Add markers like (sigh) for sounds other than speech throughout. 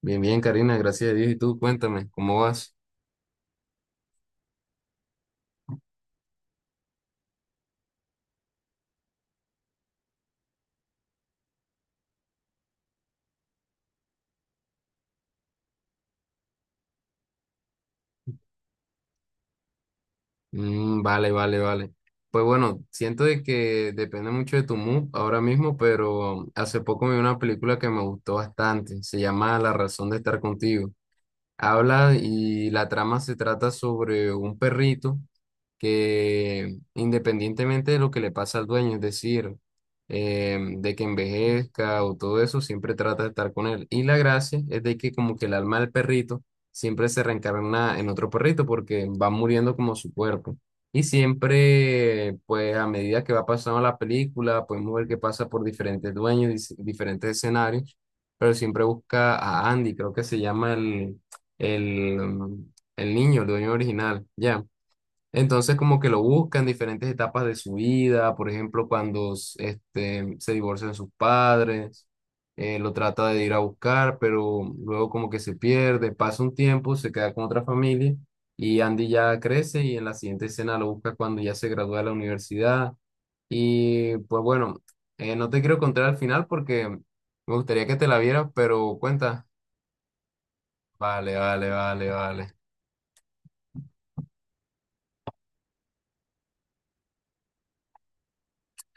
Bien, bien, Karina, gracias a Dios. Y tú, cuéntame, ¿cómo vas? Mm, vale, vale, vale. Pues bueno, siento de que depende mucho de tu mood ahora mismo, pero hace poco vi una película que me gustó bastante. Se llama La razón de estar contigo. Habla y la trama se trata sobre un perrito que independientemente de lo que le pasa al dueño, es decir, de que envejezca o todo eso, siempre trata de estar con él. Y la gracia es de que como que el alma del perrito siempre se reencarna en otro perrito porque va muriendo como su cuerpo. Y siempre, pues a medida que va pasando la película, podemos ver que pasa por diferentes dueños, diferentes escenarios, pero siempre busca a Andy, creo que se llama el, el, mm, el niño, el dueño original, ya. Entonces como que lo buscan en diferentes etapas de su vida, por ejemplo, cuando se divorcian sus padres, lo trata de ir a buscar, pero luego como que se pierde, pasa un tiempo, se queda con otra familia y Andy ya crece y en la siguiente escena lo busca cuando ya se gradúa de la universidad. Y pues bueno, no te quiero contar al final porque me gustaría que te la vieras, pero cuenta. Vale, vale, vale, vale.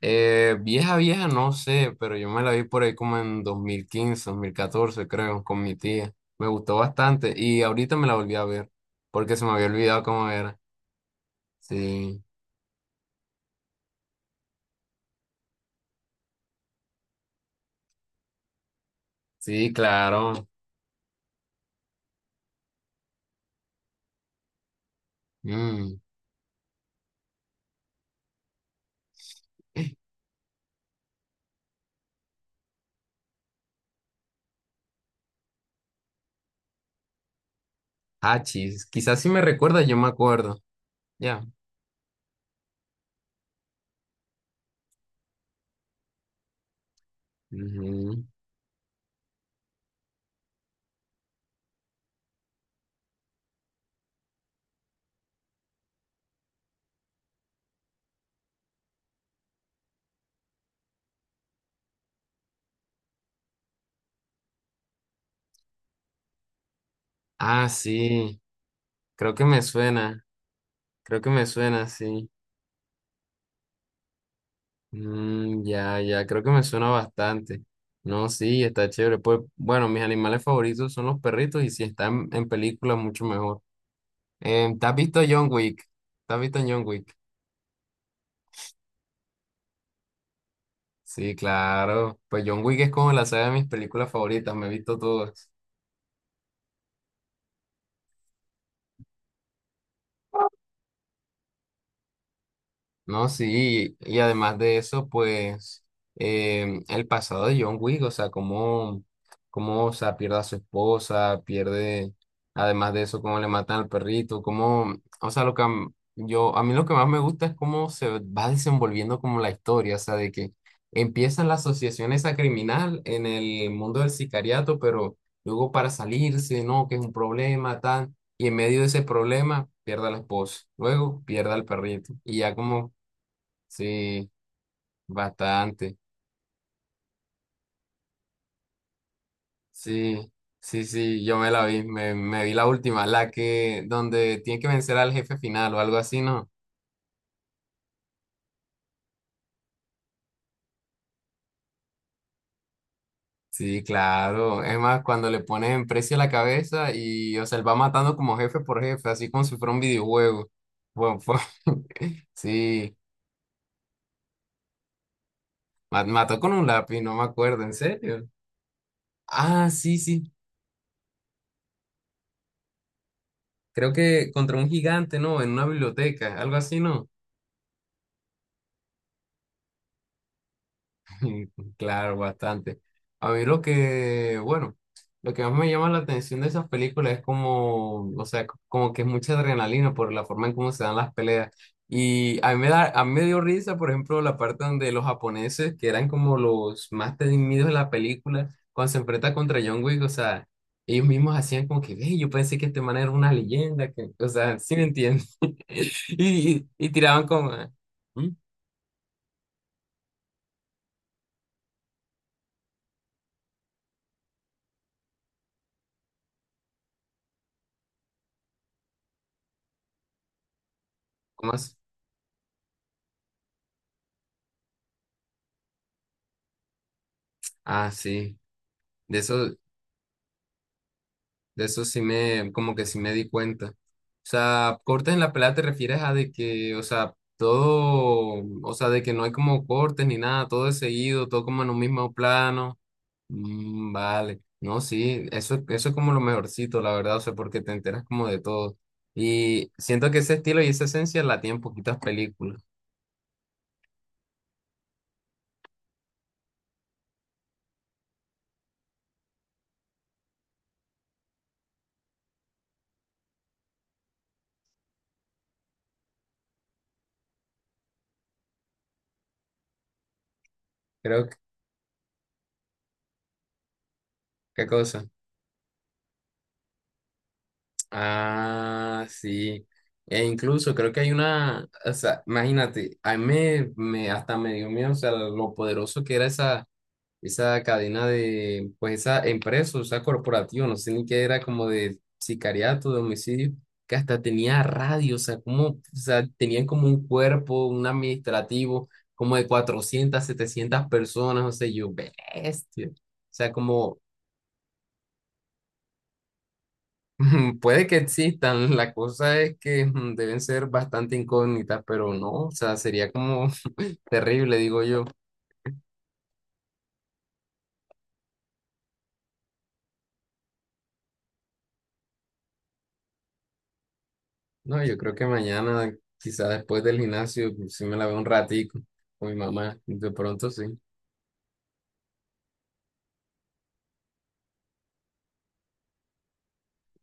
Vieja, vieja, no sé, pero yo me la vi por ahí como en 2015 2014 creo, con mi tía. Me gustó bastante y ahorita me la volví a ver porque se me había olvidado cómo era. Sí, sí, claro. Mm. Hachis, quizás si me recuerda, yo me acuerdo. Ya. Ujú. Ah, sí, creo que me suena, creo que me suena, sí. Mm, ya, ya, creo que me suena bastante. No, sí, está chévere. Pues, bueno, mis animales favoritos son los perritos y si están en películas, mucho mejor. ¿Te has visto John Wick? ¿Te has visto John Wick? Sí, claro. Pues John Wick es como la saga de mis películas favoritas, me he visto todas. No, sí, y además de eso, pues el pasado de John Wick, o sea, cómo, cómo, o sea, pierde a su esposa, pierde, además de eso, cómo le matan al perrito, cómo, o sea, lo que yo, a mí lo que más me gusta es cómo se va desenvolviendo como la historia, o sea, de que empieza la asociación esa criminal en el mundo del sicariato, pero luego para salirse, no, que es un problema, tal y en medio de ese problema pierde a la esposa, luego pierde al perrito y ya como sí, bastante. Sí, sí, sí, yo me la vi, me vi la última, la que donde tiene que vencer al jefe final o algo así, ¿no? Sí, claro. Es más, cuando le pones en precio a la cabeza y, o sea, él va matando como jefe por jefe, así como si fuera un videojuego. Bueno, (laughs) sí, mató con un lápiz, no me acuerdo, ¿en serio? Ah, sí, sí, creo que contra un gigante, ¿no? En una biblioteca, algo así, ¿no? (laughs) Claro, bastante. A mí lo que, bueno, lo que más me llama la atención de esas películas es como, o sea, como que es mucha adrenalina por la forma en cómo se dan las peleas. Y a mí me da, a mí me dio risa, por ejemplo, la parte donde los japoneses, que eran como los más temidos de la película, cuando se enfrenta contra John Wick, o sea, ellos mismos hacían como que, ve, yo pensé que este man era una leyenda, que, o sea, (laughs) sí me entiendes. (laughs) Y tiraban como, "¿Mm? ¿Cómo así? Ah, sí. De eso, De eso sí me, como que sí me di cuenta. O sea, cortes en la pelea te refieres a de que, o sea, todo, o sea, de que no hay como cortes ni nada, todo es seguido, todo como en un mismo plano. Mm, vale, no, sí, eso es como lo mejorcito, la verdad, o sea, porque te enteras como de todo. Y siento que ese estilo y esa esencia la tienen poquitas películas. Creo que, ¿qué cosa? Ah, sí. E incluso creo que hay una, o sea, imagínate, a mí hasta me dio miedo, o sea, lo poderoso que era esa, esa cadena de, pues esa empresa, o sea, corporativa, no sé ni qué era, como de sicariato, de homicidio, que hasta tenía radio, o sea, como, o sea, tenían como un cuerpo, un administrativo, como de 400 700 personas, o sea, yo, bestia. O sea, como, (laughs) mm, puede que existan, la cosa es que deben ser bastante incógnitas, pero no, o sea, sería como (laughs) terrible, digo yo. No, yo creo que mañana, quizá después del gimnasio, si me la veo un ratico con mi mamá, de pronto sí.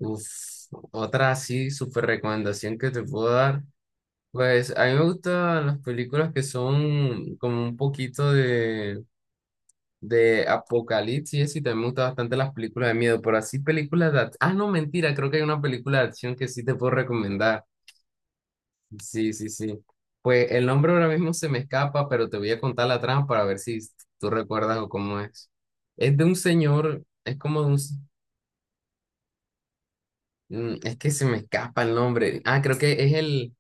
Uf, otra así, súper recomendación que te puedo dar. Pues a mí me gustan las películas que son como un poquito de Apocalipsis y también me gustan bastante las películas de miedo, pero así películas de... ah, no, mentira, creo que hay una película de acción que sí te puedo recomendar. Sí, sí, sí. Pues el nombre ahora mismo se me escapa, pero te voy a contar la trama para ver si tú recuerdas o cómo es. Es de un señor, es como de un... es que se me escapa el nombre. Ah, creo que es el...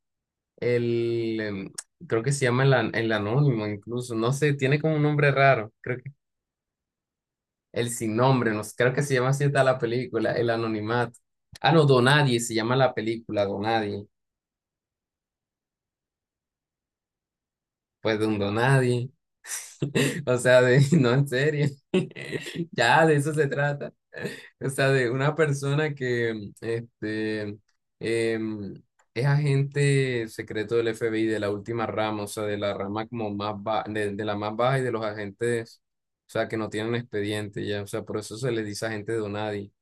el em, creo que se llama el, el anónimo incluso. No sé, tiene como un nombre raro. Creo el sin nombre, no sé, creo que se llama así está la película, El Anonimato. Ah, no, Donadie se llama la película, Donadie. Pues de un Donadie. (laughs) O sea, de, (laughs) no, en serio. (laughs) Ya, de eso se trata. O sea, de una persona que em, es agente secreto del FBI, de la última rama, o sea, de la rama como más baja, de la más baja y de los agentes, o sea, que no tienen expediente, ya. O sea, por eso se les dice agente Donadi,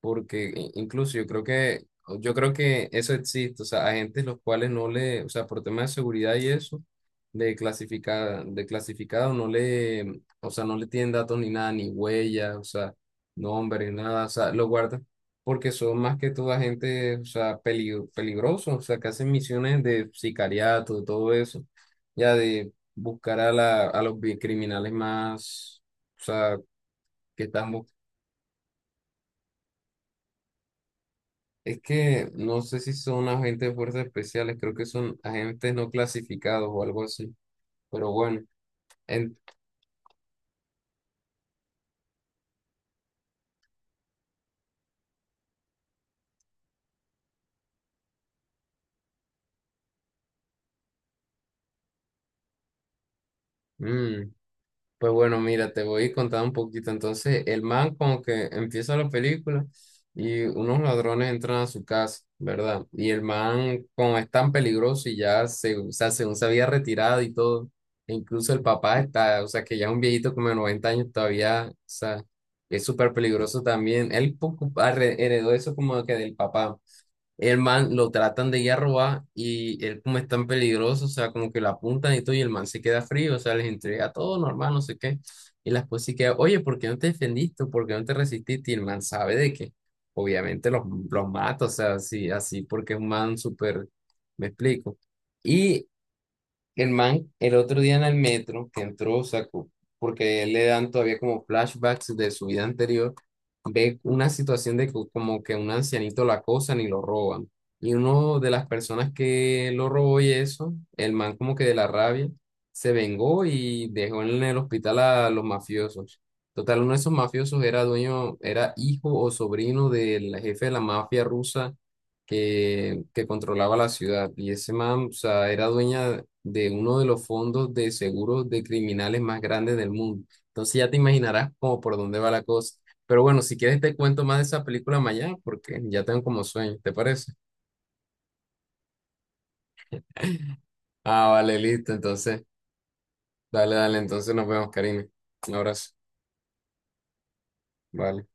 porque incluso yo creo que eso existe, o sea, agentes los cuales no le, o sea, por temas de seguridad y eso de clasificada, de clasificado no le, o sea, no le tienen datos ni nada, ni huellas, o sea, nombre, nada, o sea, lo guardan porque son más que toda gente, o sea, peligro, peligroso, o sea, que hacen misiones de sicariato, todo eso, ya de buscar a la, a los criminales más, o sea, que están es que no sé si son agentes de fuerzas especiales, creo que son agentes no clasificados o algo así, pero bueno, en, mm, pues bueno, mira, te voy a contar un poquito. Entonces, el man como que empieza la película y unos ladrones entran a su casa, ¿verdad? Y el man como es tan peligroso y ya se, o sea, según se había retirado y todo, e incluso el papá está, o sea, que ya es un viejito como de 90 años todavía, o sea, es súper peligroso también. Él heredó eso como que del papá. El man lo tratan de ir a robar y él como es tan peligroso, o sea, como que lo apuntan y todo, y el man se queda frío, o sea, les entrega todo normal, no sé qué. Y la esposa sí queda, oye, ¿por qué no te defendiste? ¿Por qué no te resististe? Y el man sabe de que obviamente los mata, o sea, así, así porque es un man súper, me explico. Y el man, el otro día en el metro que entró, sacó, porque él le dan todavía como flashbacks de su vida anterior, ve una situación de como que un ancianito lo acosan y lo roban. Y uno de las personas que lo robó y eso, el man como que de la rabia, se vengó y dejó en el hospital a los mafiosos. Total, uno de esos mafiosos era dueño, era hijo o sobrino del jefe de la mafia rusa que controlaba la ciudad. Y ese man, o sea, era dueña de uno de los fondos de seguros de criminales más grandes del mundo. Entonces ya te imaginarás como por dónde va la cosa. Pero bueno, si quieres te cuento más de esa película mañana porque ya tengo como sueño, ¿te parece? Ah, vale, listo. Entonces, dale, dale. Entonces nos vemos, Karina. Un abrazo. Vale.